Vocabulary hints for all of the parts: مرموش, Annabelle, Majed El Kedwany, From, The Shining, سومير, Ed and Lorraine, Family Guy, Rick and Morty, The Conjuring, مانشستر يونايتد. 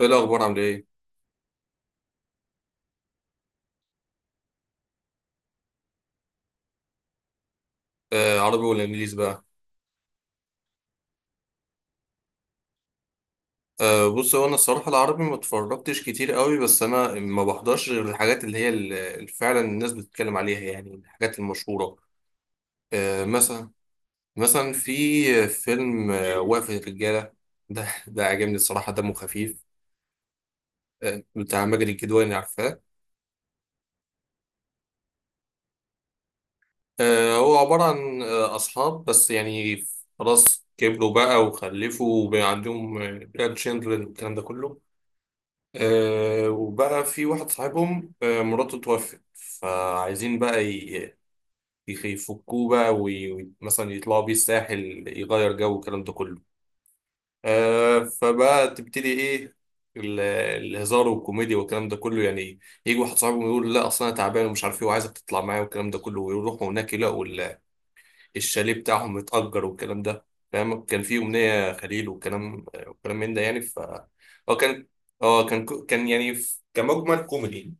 ايه الاخبار، عامل ايه؟ آه، عربي ولا انجليزي بقى؟ آه، بص، هو انا الصراحه العربي ما اتفرجتش كتير قوي، بس انا ما بحضرش غير الحاجات اللي فعلا الناس بتتكلم عليها، يعني الحاجات المشهوره. آه، مثلا في فيلم وقفه الرجاله. ده عجبني الصراحه، دمه خفيف. آه، بتاع ماجد الكدواني، عارفاه؟ آه، هو عباره عن اصحاب، بس يعني خلاص كبروا بقى وخلفوا وبقى عندهم جراند تشيلدرن والكلام ده كله. آه، وبقى في واحد صاحبهم، مراته توفت، فعايزين بقى يفكوه بقى ومثلا يطلعوا بيه الساحل، يغير جو والكلام ده كله. آه، فبقى تبتدي ايه، ال- الهزار والكوميديا والكلام ده كله يعني. يجي واحد صاحبهم يقول لا اصلا انا تعبان ومش عارف ايه، وعايزك تطلع معايا والكلام ده كله، ويروحوا هناك يلاقوا الشاليه بتاعهم متأجر والكلام ده. فاهم، كان في أمنية خليل والكلام، من ده يعني. هو كان اه كان كو- كان يعني ف- كمجمل كوميدي.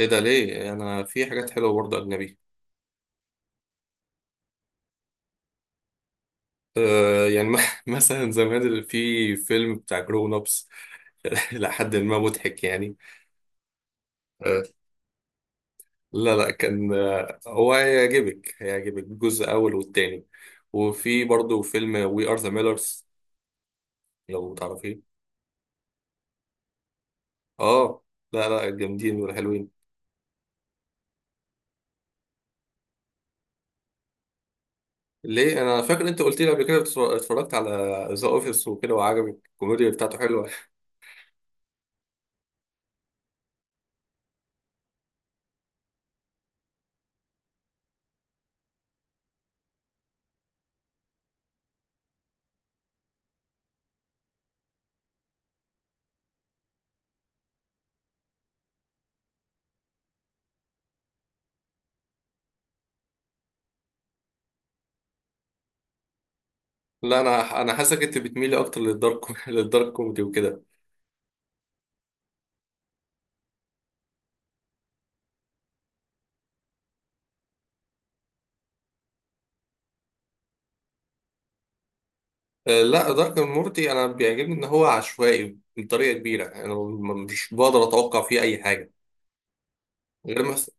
ايه ده، ليه؟ انا في حاجات حلوه برضه اجنبي. آه، يعني مثلا زمان اللي في فيلم بتاع جرون ابس. لحد ما مضحك يعني. آه، لا، لا، كان هو هيعجبك الجزء الاول والتاني، وفي برضه فيلم وي ار ذا ميلرز، لو تعرفيه. اه، لا، لا، جامدين وحلوين. ليه؟ انا فاكر انت قلت لي قبل كده اتفرجت على ذا اوفيس وكده، وعجبك الكوميديا بتاعته حلوه. لا، انا حاسسك انت بتميلي اكتر للدارك، للدارك كوميدي وكده. آه، لا، دارك مورتي انا بيعجبني ان هو عشوائي بطريقه كبيره، يعني انا مش بقدر اتوقع فيه اي حاجه، غير مثلا.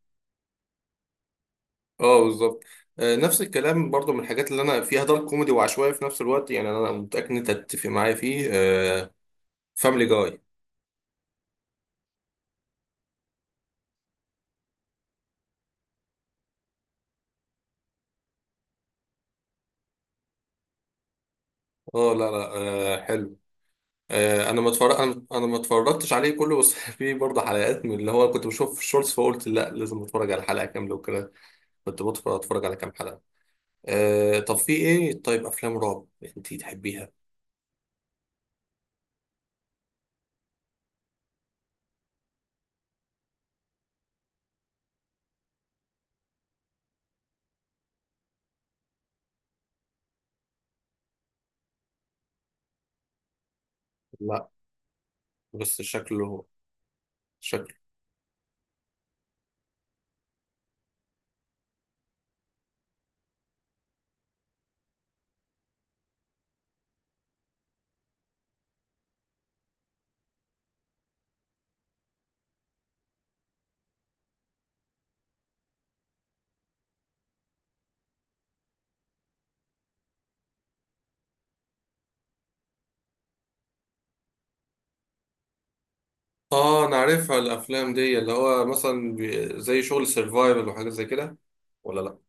اه، بالظبط. آه، نفس الكلام برضو، من الحاجات اللي انا فيها دارك كوميدي وعشوائي في نفس الوقت يعني، انا متاكد ان انت هتتفق معايا فيه. فاملي جاي، Family Guy. آه، لا، لا. آه، حلو. آه، انا ما اتفرجتش عليه كله، بس في برضه حلقات من اللي هو كنت بشوف في الشورتس، فقلت لا لازم اتفرج على حلقه كامله وكده. كنت اتفرج على كام حلقه. أه، طب في ايه، طيب افلام رعب انتي تحبيها؟ لا، بس شكله. شكله. اه، انا عارفها الافلام دي، اللي هو مثلا زي شغل سرفايفل وحاجات زي كده، ولا؟ لا،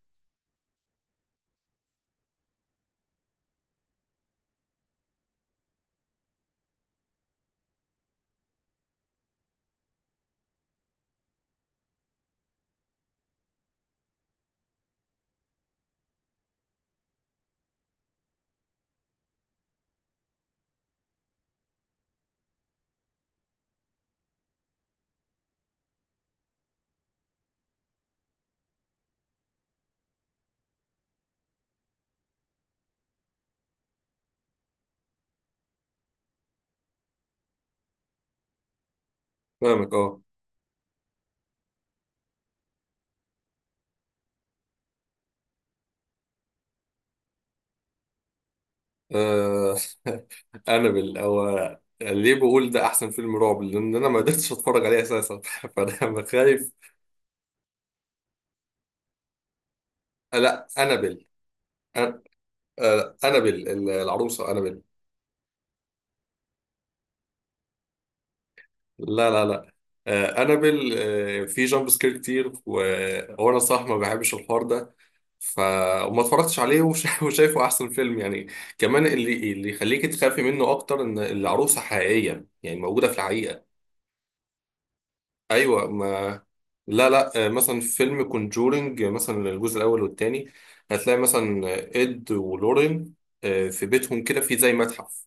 فاهمك، اه. آه، انابل. او ليه بقول ده احسن فيلم رعب؟ لان انا ما قدرتش اتفرج عليه اساسا، فانا خايف. لا، انابل. أن- آه، انابل، العروسه انابل. لا، لا، لا. انابل، في جامب سكير كتير، وانا صح ما بحبش الحوار ده. ف وما اتفرجتش عليه وشايفه احسن فيلم يعني. كمان اللي يخليك تخافي منه اكتر ان العروسه حقيقيه، يعني موجوده في الحقيقه. ايوه، ما... لا، لا. آه، مثلا في فيلم كونجورنج، مثلا الجزء الاول والتاني، هتلاقي مثلا اد ولورين. آه، في بيتهم كده في زي متحف.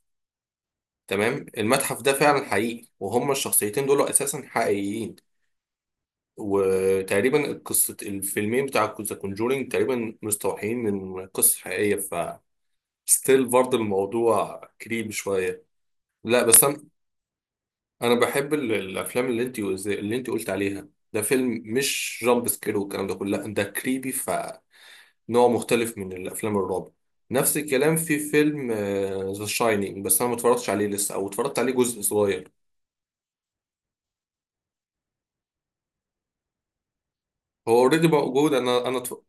تمام، المتحف ده فعلا حقيقي، وهم الشخصيتين دول اساسا حقيقيين. وتقريبا قصة الفيلمين بتاع ذا كونجورينج تقريبا مستوحين من قصة حقيقية، ف ستيل برضه الموضوع كريم شوية. لا، بس أنا بحب الأفلام اللي أنت قلت عليها، ده فيلم مش جامب سكير والكلام ده كله، لا، ده كريبي، فنوع مختلف من الأفلام الرعب. نفس الكلام في فيلم ذا شاينينج، بس أنا ما اتفرجتش عليه لسه، أو اتفرجت عليه جزء صغير. هو أوريدي موجود.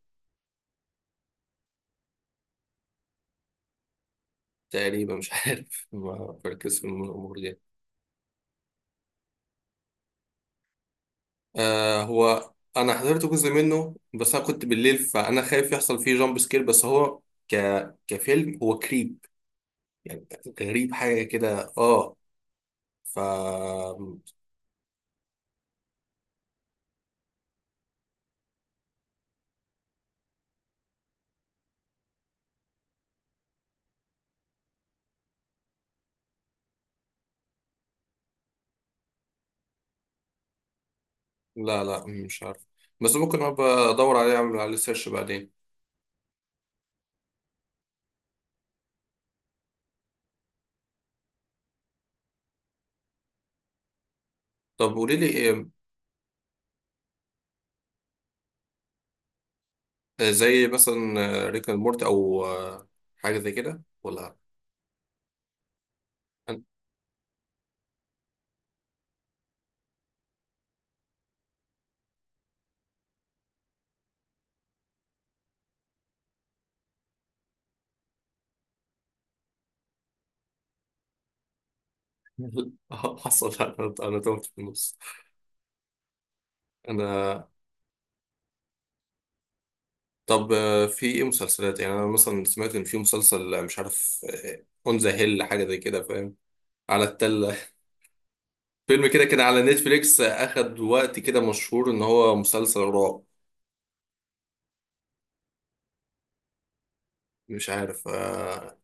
تقريبا مش عارف، ما بركز في المخرج. آه، هو انا حضرت جزء منه، بس انا كنت بالليل فانا خايف يحصل فيه جامب سكير، بس هو ك كفيلم هو كريب يعني، غريب حاجه كده، اه. ف لا، لا، مش عارف، بس ممكن ابقى ادور عليه، اعمل عليه سيرش بعدين. طب قولي لي إيه. آه، زي مثلا ريك اند مورتي، او حاجه زي كده، ولا؟ أنا- حصل، انا تهت في النص. انا طب، آه، في ايه مسلسلات يعني، انا مثلا سمعت ان في مسلسل مش عارف، اون ذا هيل، حاجه زي كده، فاهم، على التله. فيلم كده كان على نتفليكس، اخد وقت كده، مشهور ان هو مسلسل رعب. مش عارف، آه.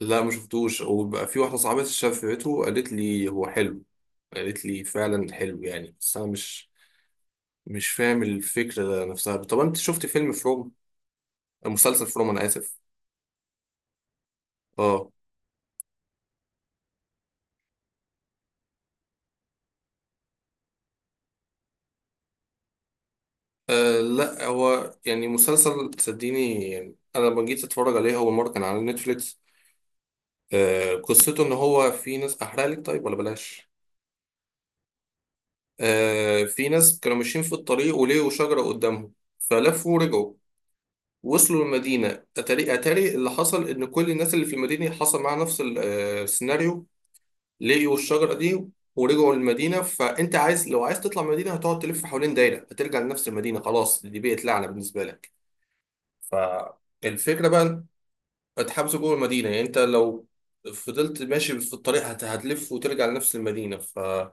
لا، ما شفتوش، وبقى في واحده صاحبتي شافته قالت لي هو حلو، قالت لي فعلا حلو يعني، بس انا مش فاهم الفكره نفسها. طب، انت شفت فيلم فروم مسلسل فروم، انا اسف. اه. أه، لا، هو يعني مسلسل، صدقيني. يعني انا لما جيت اتفرج عليه اول مره كان على نتفليكس. أه، قصته ان هو في ناس. احرق لك طيب ولا بلاش؟ أه، في ناس كانوا ماشيين في الطريق، ولقوا شجره قدامهم، فلفوا ورجعوا. وصلوا المدينه، اتاري اللي حصل ان كل الناس اللي في المدينه حصل معاها نفس السيناريو. لقوا الشجره دي، ورجعوا للمدينه، فانت لو عايز تطلع من المدينه، هتقعد تلف حوالين دايره، هترجع لنفس المدينه، خلاص دي بقت لعنه بالنسبه لك. ف الفكرة بقى. هتحبسه جوه المدينة يعني، انت لو فضلت ماشي في الطريق هتلف وترجع لنفس المدينة، فبيحاولوا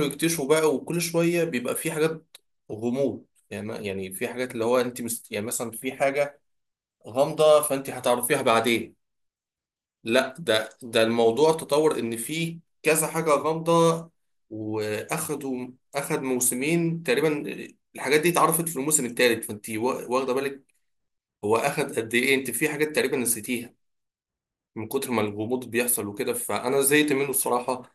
يكتشفوا بقى، وكل شوية بيبقى في حاجات غموض يعني، يعني في حاجات اللي هو انت يعني مثلا في حاجة غامضة، فانت هتعرفيها بعدين. لا، ده الموضوع تطور، ان في كذا حاجة غامضة. واخدوا اخد موسمين تقريبا، الحاجات دي اتعرفت في الموسم الثالث، فانت واخدة بالك، هو اخد قد ايه. انت في حاجات تقريبا نسيتيها من كتر ما الغموض بيحصل وكده، فانا زهقت منه الصراحه.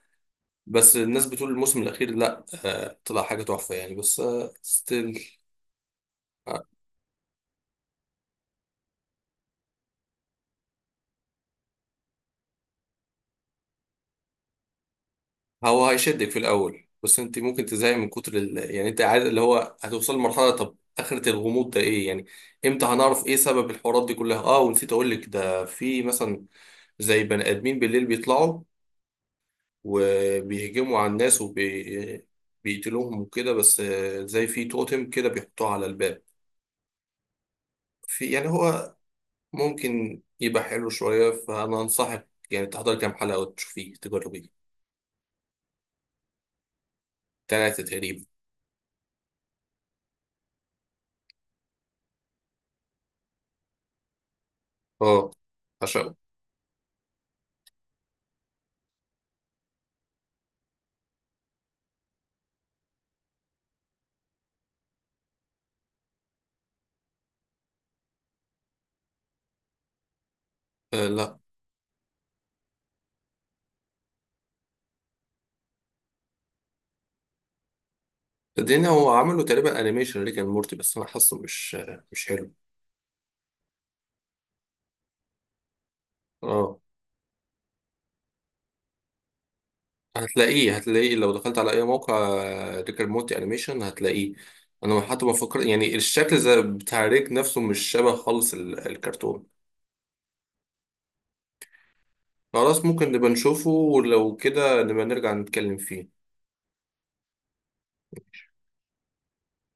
بس الناس بتقول الموسم الاخير، لا، طلع حاجه تحفه يعني، بس ستيل. آه، هو هيشدك في الاول، بس انت ممكن تزهقي من كتر يعني انت عاد اللي هو هتوصل لمرحله، طب اخره الغموض ده ايه يعني، امتى هنعرف ايه سبب الحوارات دي كلها؟ اه، ونسيت اقول لك، ده في مثلا زي بني ادمين بالليل بيطلعوا وبيهجموا على الناس بيقتلوهم وكده، بس زي في توتم كده بيحطوه على الباب. في يعني، هو ممكن يبقى حلو شوية، فأنا أنصحك يعني تحضر كام حلقة وتشوفيه، تجربيه. تلاتة تقريبا. اه، عشان. آه، لا، الدنيا هو عملوا تقريبا أنيميشن ريك أند مورتي، بس أنا حاسه مش حلو. اه، هتلاقيه لو دخلت على أي موقع، ريك أند مورتي أنيميشن، هتلاقيه. أنا حتى بفكر يعني الشكل زي بتاع ريك نفسه، مش شبه خالص الكرتون. خلاص، ممكن نبقى نشوفه، ولو كده نبقى نرجع نتكلم فيه.